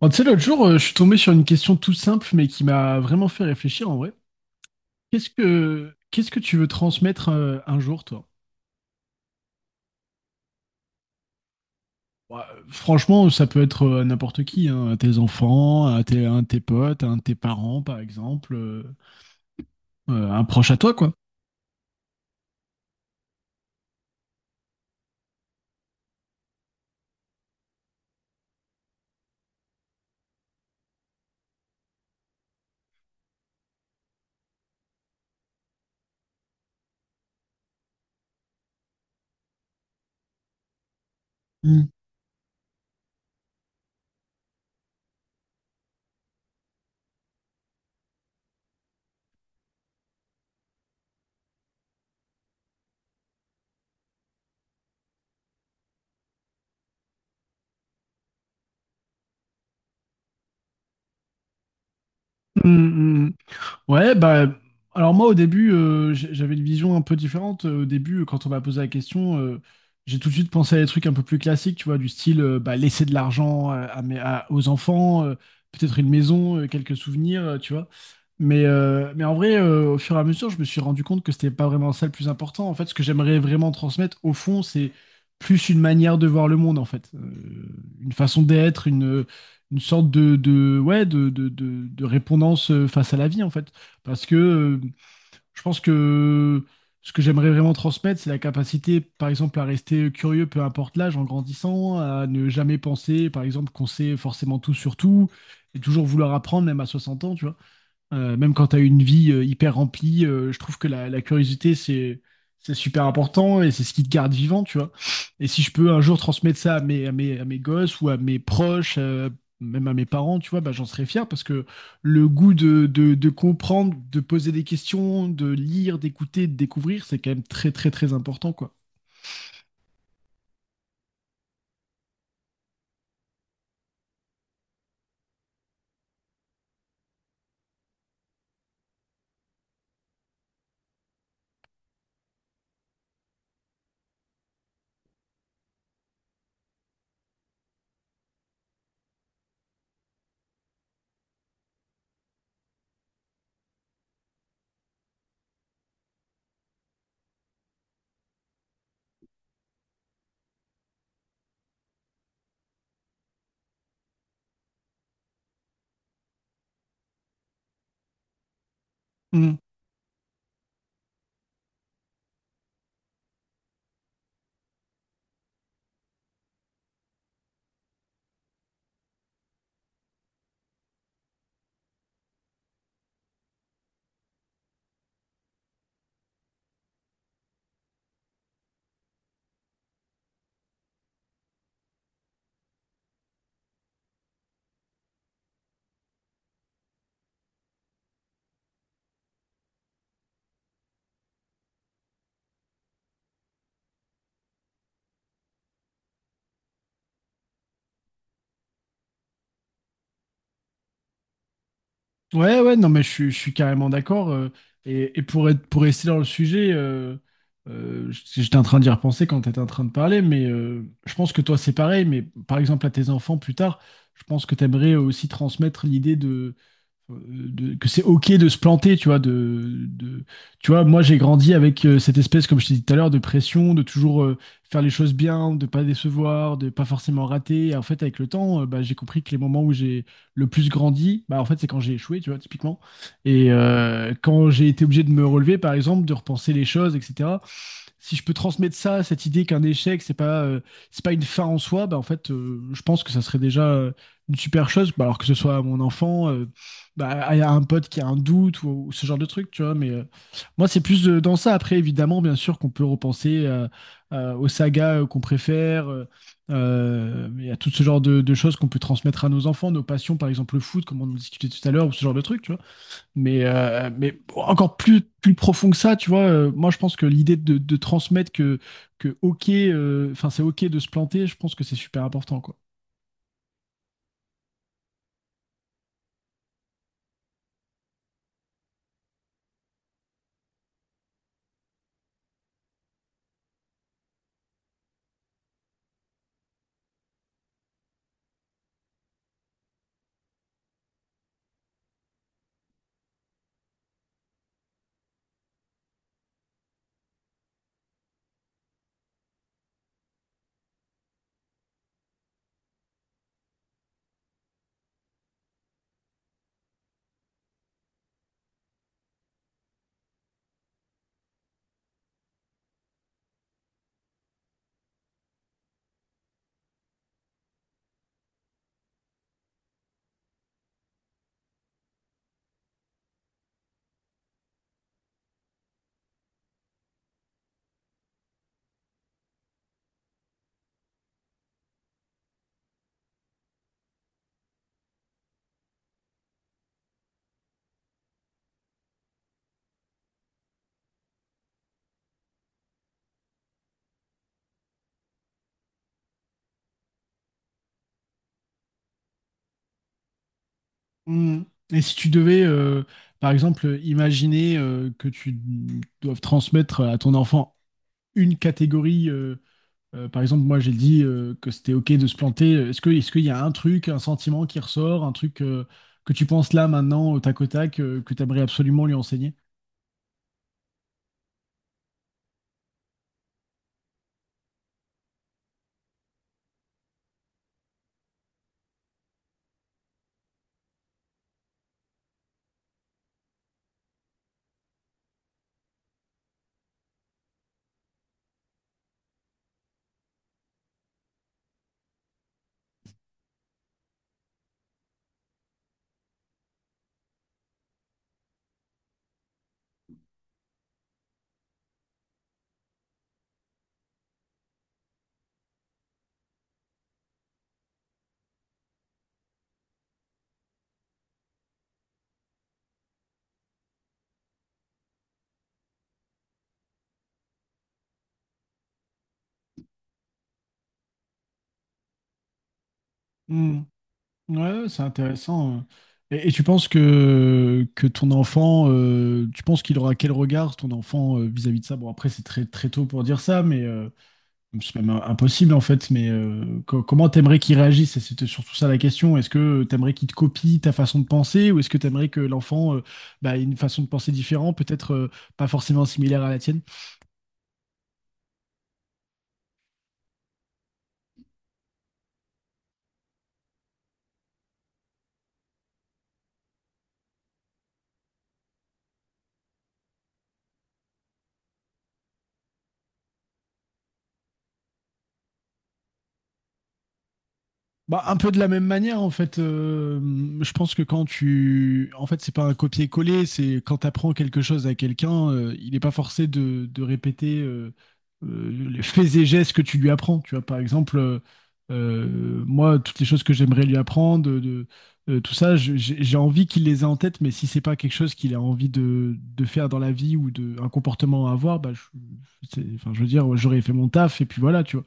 Bon, tu sais, l'autre jour, je suis tombé sur une question tout simple, mais qui m'a vraiment fait réfléchir en vrai. Qu'est-ce que tu veux transmettre un jour, toi? Ouais, franchement, ça peut être à n'importe qui, hein, à tes enfants, un de tes potes, à un de tes parents, par exemple, un proche à toi, quoi. Mm. Mm. Mm. Ouais, bah, alors moi au début, j'avais une vision un peu différente. Au début, quand on m'a posé la question, j'ai tout de suite pensé à des trucs un peu plus classiques, tu vois, du style bah, laisser de l'argent aux enfants, peut-être une maison, quelques souvenirs, tu vois. Mais en vrai, au fur et à mesure, je me suis rendu compte que c'était pas vraiment ça le plus important. En fait, ce que j'aimerais vraiment transmettre, au fond, c'est plus une manière de voir le monde, en fait. Une façon d'être, une sorte ouais, de répondance face à la vie, en fait. Parce que je pense que ce que j'aimerais vraiment transmettre, c'est la capacité, par exemple, à rester curieux, peu importe l'âge, en grandissant, à ne jamais penser, par exemple, qu'on sait forcément tout sur tout, et toujours vouloir apprendre, même à 60 ans, tu vois. Même quand tu as une vie hyper remplie, je trouve que la curiosité, c'est super important et c'est ce qui te garde vivant, tu vois. Et si je peux un jour transmettre ça à mes gosses ou à mes proches, même à mes parents, tu vois, bah, j'en serais fier parce que le goût de comprendre, de poser des questions, de lire, d'écouter, de découvrir, c'est quand même très, très, très important, quoi. Mm. Ouais, ouais, non, mais je suis carrément d'accord. Et pour pour rester dans le sujet, j'étais en train d'y repenser quand tu étais en train de parler, mais je pense que toi, c'est pareil. Mais par exemple, à tes enfants plus tard, je pense que tu aimerais aussi transmettre l'idée de- que c'est ok de se planter, tu vois, tu vois, moi j'ai grandi avec cette espèce, comme je t'ai dit tout à l'heure, de pression, de toujours faire les choses bien, de pas décevoir, de pas forcément rater. Et en fait, avec le temps, bah, j'ai compris que les moments où j'ai le plus grandi, bah, en fait, c'est quand j'ai échoué, tu vois, typiquement. Et quand j'ai été obligé de me relever, par exemple, de repenser les choses, etc. Si je peux transmettre ça, cette idée qu'un échec, c'est pas une fin en soi, bah, en fait, je pense que ça serait déjà une super chose. Bah, alors que ce soit à mon enfant, bah, à un pote qui a un doute ou ce genre de truc, tu vois. Mais moi, c'est plus dans ça. Après, évidemment, bien sûr qu'on peut repenser aux sagas qu'on préfère. Il y tout ce genre de choses qu'on peut transmettre à nos enfants, nos passions, par exemple le foot, comme on en discutait tout à l'heure, ou ce genre de truc, tu vois. Mais encore plus profond que ça, tu vois. Moi je pense que l'idée de transmettre que enfin c'est ok de se planter, je pense que c'est super important, quoi. Mm. Et si tu devais par exemple imaginer que tu doives transmettre à ton enfant une catégorie par exemple moi j'ai dit que c'était ok de se planter. Est-ce qu'il y a un truc, un sentiment qui ressort, un truc que tu penses là maintenant au tac au tac, que tu aimerais absolument lui enseigner? Ouais, c'est intéressant, hein. Et tu penses que ton enfant, tu penses qu'il aura quel regard, ton enfant, vis-à-vis de ça? Bon, après, c'est très, très tôt pour dire ça, mais c'est même impossible en fait. Mais comment t'aimerais qu'il réagisse? Et c'était surtout ça, la question. Est-ce que t'aimerais qu'il te copie ta façon de penser ou est-ce que t'aimerais que l'enfant bah, ait une façon de penser différente, peut-être pas forcément similaire à la tienne? Bah, un peu de la même manière, en fait, je pense que quand tu. En fait, c'est pas un copier-coller, c'est quand tu apprends quelque chose à quelqu'un, il n'est pas forcé de répéter les faits et gestes que tu lui apprends. Tu vois, par exemple, moi, toutes les choses que j'aimerais lui apprendre, tout ça, j'ai envie qu'il les ait en tête, mais si c'est pas quelque chose qu'il a envie de faire dans la vie ou de, un comportement à avoir, bah, enfin, je veux dire, j'aurais fait mon taf et puis voilà, tu vois.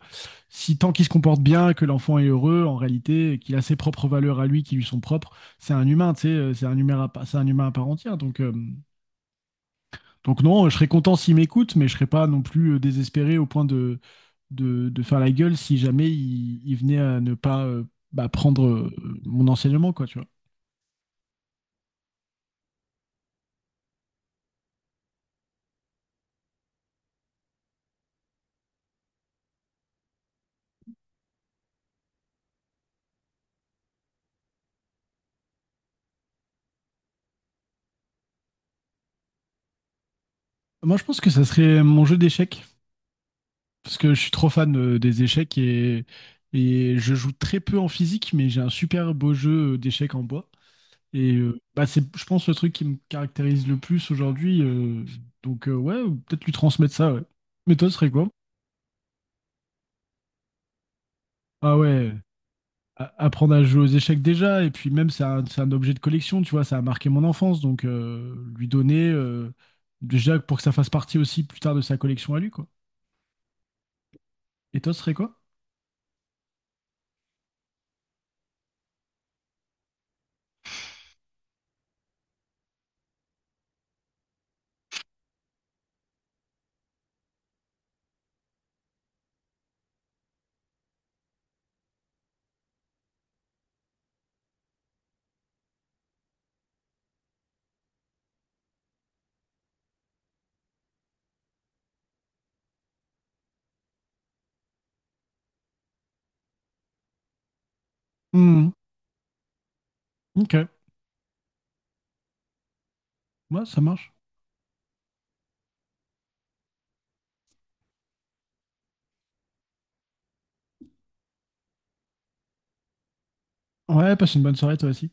Si tant qu'il se comporte bien, que l'enfant est heureux, en réalité, qu'il a ses propres valeurs à lui qui lui sont propres, c'est un humain, tu sais, c'est un humain à part entière. Donc non, je serais content s'il m'écoute, mais je serais pas non plus désespéré au point de faire la gueule si jamais il venait à ne pas bah, prendre mon enseignement, quoi, tu vois. Moi, je pense que ça serait mon jeu d'échecs, parce que je suis trop fan des échecs, et je joue très peu en physique, mais j'ai un super beau jeu d'échecs en bois. Et bah, c'est, je pense, le truc qui me caractérise le plus aujourd'hui. Donc, ouais, ou peut-être lui transmettre ça, ouais. Mais toi, ce serait quoi? Ah ouais, apprendre à jouer aux échecs déjà. Et puis même, c'est un objet de collection, tu vois, ça a marqué mon enfance. Donc, lui donner, déjà, pour que ça fasse partie aussi plus tard de sa collection à lui, quoi. Et toi, ce serait quoi? Hmm, ok, ouais, ça marche. Ouais, passe une bonne soirée, toi aussi.